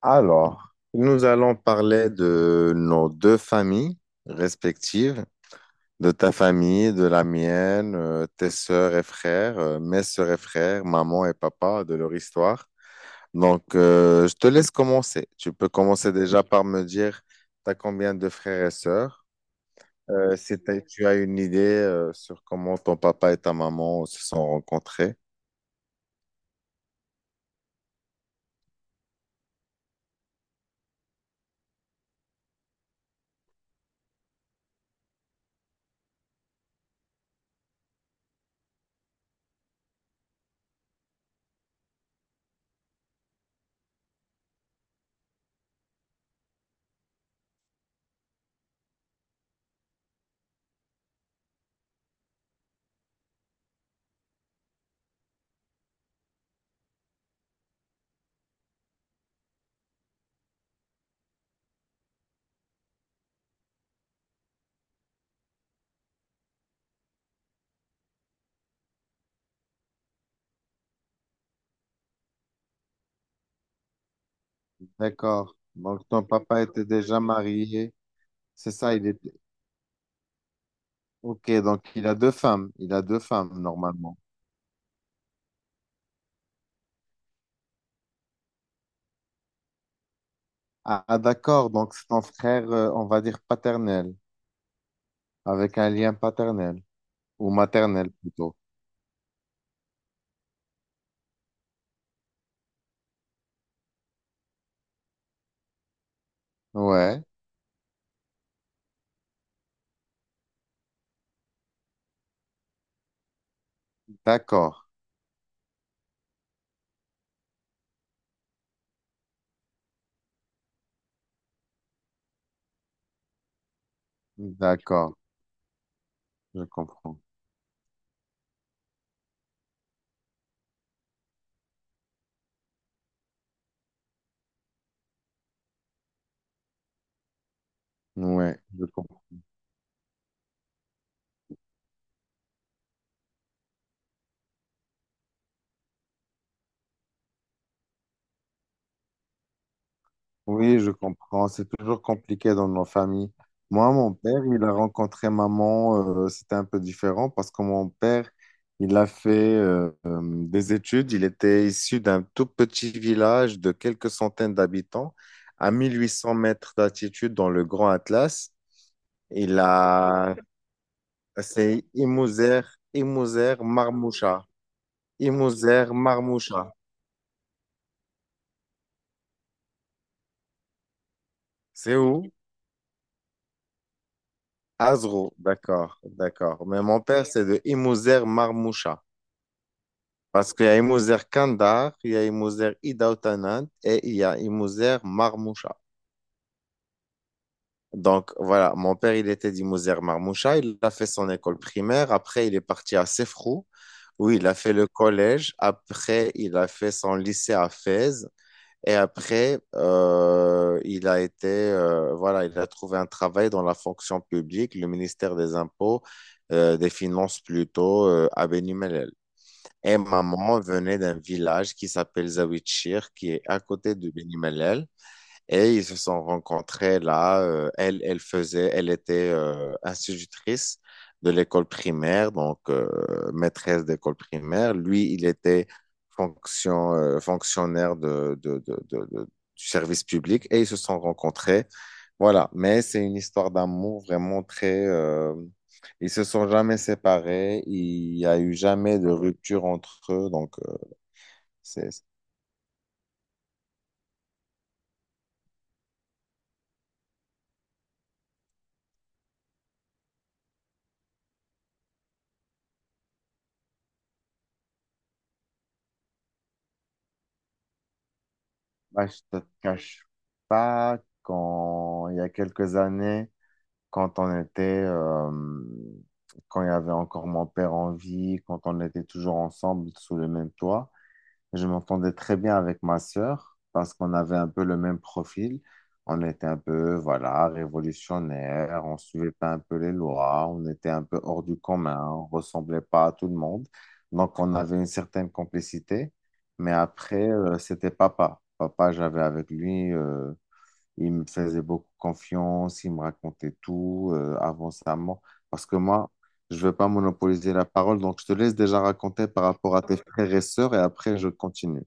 Alors, nous allons parler de nos deux familles respectives, de ta famille, de la mienne, tes sœurs et frères, mes sœurs et frères, maman et papa, de leur histoire. Donc, je te laisse commencer. Tu peux commencer déjà par me dire, tu as combien de frères et sœurs? Si t'as- Tu as une idée, sur comment ton papa et ta maman se sont rencontrés. D'accord. Donc, ton papa était déjà marié. C'est ça, il était. Ok, donc il a deux femmes. Il a deux femmes, normalement. Ah, ah, d'accord, donc c'est ton frère, on va dire paternel, avec un lien paternel, ou maternel plutôt. Ouais, d'accord, d'accord, je comprends. Ouais, je comprends. Oui, je comprends. C'est toujours compliqué dans nos familles. Moi, mon père, il a rencontré maman, c'était un peu différent parce que mon père, il a fait des études. Il était issu d'un tout petit village de quelques centaines d'habitants à 1800 mètres d'altitude dans le Grand Atlas. Il a, c'est Imouzer, Imouzer, Marmoucha. Imouzer, Marmoucha. C'est où? Azrou, d'accord, d'accord. Mais mon père, c'est de Imouzer Marmoucha. Parce qu'il y a Imouzer Kandar, il y a Imouzer Ida Otanant et il y a Imouzer Marmoucha. Donc voilà, mon père, il était d'Imouzer Marmoucha, il a fait son école primaire, après il est parti à Sefrou, où il a fait le collège, après il a fait son lycée à Fès, et après il a été, voilà, il a trouvé un travail dans la fonction publique, le ministère des Impôts, des Finances plutôt, à Beni Mellel. Et maman venait d'un village qui s'appelle Zawichir, qui est à côté de Beni Mellel. Et ils se sont rencontrés là. Elle, elle faisait, elle était institutrice de l'école primaire, donc maîtresse d'école primaire. Lui, il était fonction, fonctionnaire du service public et ils se sont rencontrés. Voilà. Mais c'est une histoire d'amour vraiment très, ils se sont jamais séparés. Il y a eu jamais de rupture entre eux. Donc, c'est. Bah, je te cache pas quand il y a quelques années, quand on était, euh, quand il y avait encore mon père en vie, quand on était toujours ensemble sous le même toit, je m'entendais très bien avec ma sœur parce qu'on avait un peu le même profil. On était un peu, voilà, révolutionnaire, on suivait pas un peu les lois, on était un peu hors du commun, on ressemblait pas à tout le monde. Donc, on avait une certaine complicité. Mais après, c'était papa. Papa, j'avais avec lui, il me faisait beaucoup confiance, il me racontait tout avant sa mort. Parce que moi, je ne veux pas monopoliser la parole, donc je te laisse déjà raconter par rapport à tes frères et sœurs et après je continue.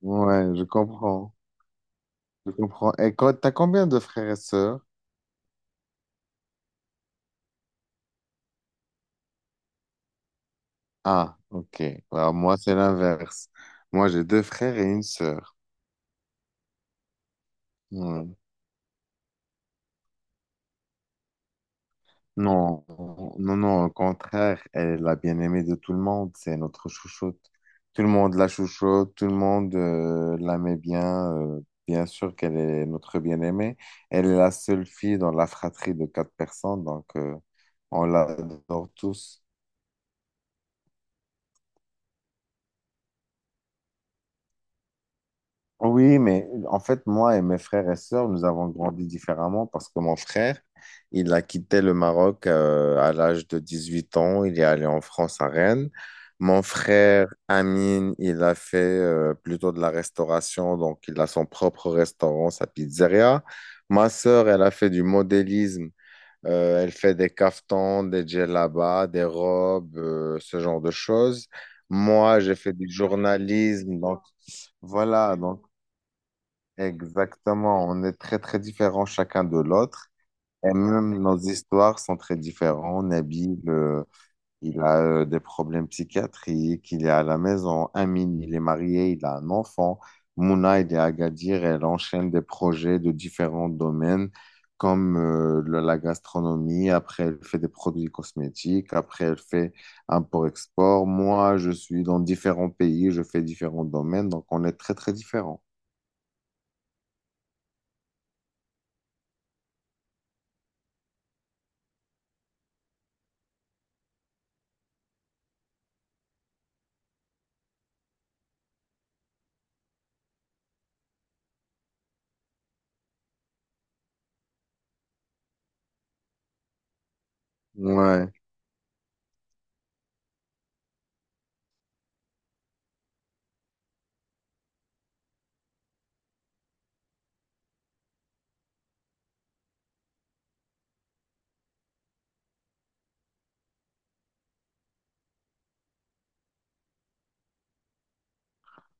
Ouais, je comprends. Je comprends. Et quand, t'as combien de frères et sœurs? Ah, ok. Alors moi, c'est l'inverse. Moi, j'ai deux frères et une sœur. Ouais. Non, non, non, au contraire, elle est la bien-aimée de tout le monde, c'est notre chouchoute. Tout le monde la chouchoute, tout le monde l'aimait bien, bien sûr qu'elle est notre bien-aimée. Elle est la seule fille dans la fratrie de quatre personnes, donc on l'adore tous. Oui, mais en fait, moi et mes frères et sœurs, nous avons grandi différemment parce que mon frère, il a quitté le Maroc à l'âge de 18 ans. Il est allé en France à Rennes. Mon frère Amine, il a fait plutôt de la restauration, donc il a son propre restaurant, sa pizzeria. Ma sœur, elle a fait du modélisme. Elle fait des caftans, des djellabas, des robes, ce genre de choses. Moi, j'ai fait du journalisme, donc voilà, donc. Exactement, on est très très différents chacun de l'autre et même nos histoires sont très différentes. Nabil, il a des problèmes psychiatriques, il est à la maison. Amine, il est marié, il a un enfant. Mouna, il est à Agadir, elle enchaîne des projets de différents domaines comme la gastronomie, après elle fait des produits cosmétiques, après elle fait import-export. Moi, je suis dans différents pays, je fais différents domaines, donc on est très très différents. Ouais.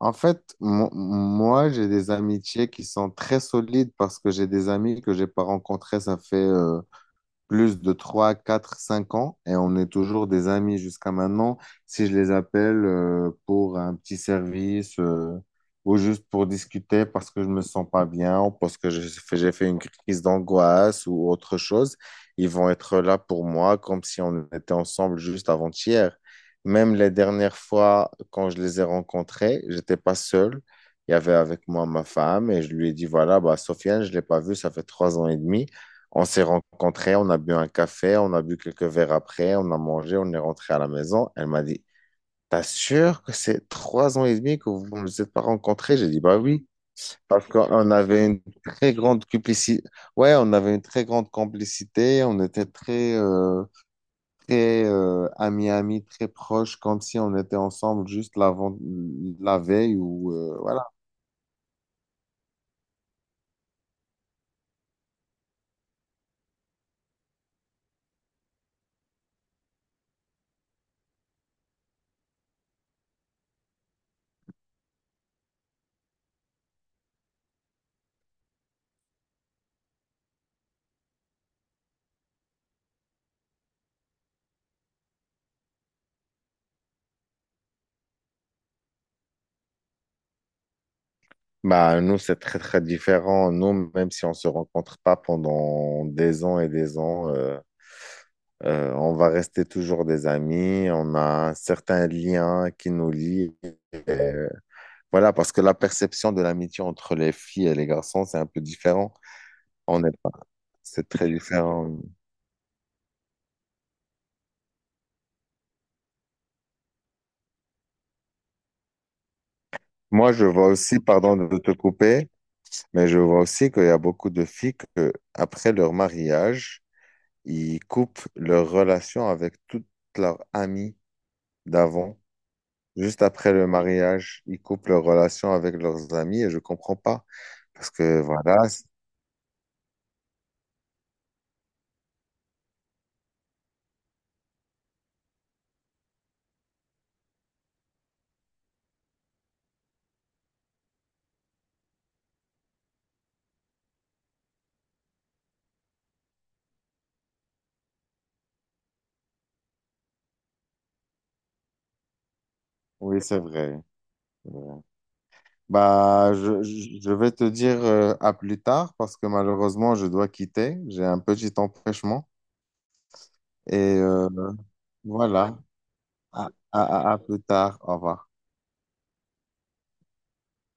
En fait, moi, j'ai des amitiés qui sont très solides parce que j'ai des amis que j'ai pas rencontrés, ça fait plus de 3 4 5 ans et on est toujours des amis jusqu'à maintenant. Si je les appelle pour un petit service ou juste pour discuter parce que je me sens pas bien ou parce que j'ai fait une crise d'angoisse ou autre chose, ils vont être là pour moi comme si on était ensemble juste avant-hier. Même les dernières fois quand je les ai rencontrés, j'étais pas seul. Il y avait avec moi ma femme et je lui ai dit, voilà, bah, Sofiane, je l'ai pas vue, ça fait trois ans et demi. On s'est rencontrés, on a bu un café, on a bu quelques verres après, on a mangé, on est rentré à la maison. Elle m'a dit, T'as sûr que c'est trois ans et demi que vous ne vous êtes pas rencontrés? J'ai dit, bah oui, parce qu'on avait une très grande complicité. Ouais, on avait une très grande complicité, on était très, très amis, amis, très proches, comme si on était ensemble juste l'avant, la veille ou voilà. Bah, nous, c'est très, très différent. Nous, même si on se rencontre pas pendant des ans et des ans, on va rester toujours des amis, on a certains liens qui nous lient. Et voilà, parce que la perception de l'amitié entre les filles et les garçons, c'est un peu différent. On n'est pas, c'est très différent. Moi, je vois aussi, pardon de te couper, mais je vois aussi qu'il y a beaucoup de filles que, après leur mariage, ils coupent leur relation avec toute leur amie d'avant. Juste après le mariage, ils coupent leur relation avec leurs amis et je comprends pas. Parce que voilà. Oui, c'est vrai. C'est vrai. Bah, je vais te dire à plus tard parce que malheureusement, je dois quitter. J'ai un petit empêchement. Et voilà, à, à, à plus tard. Au revoir.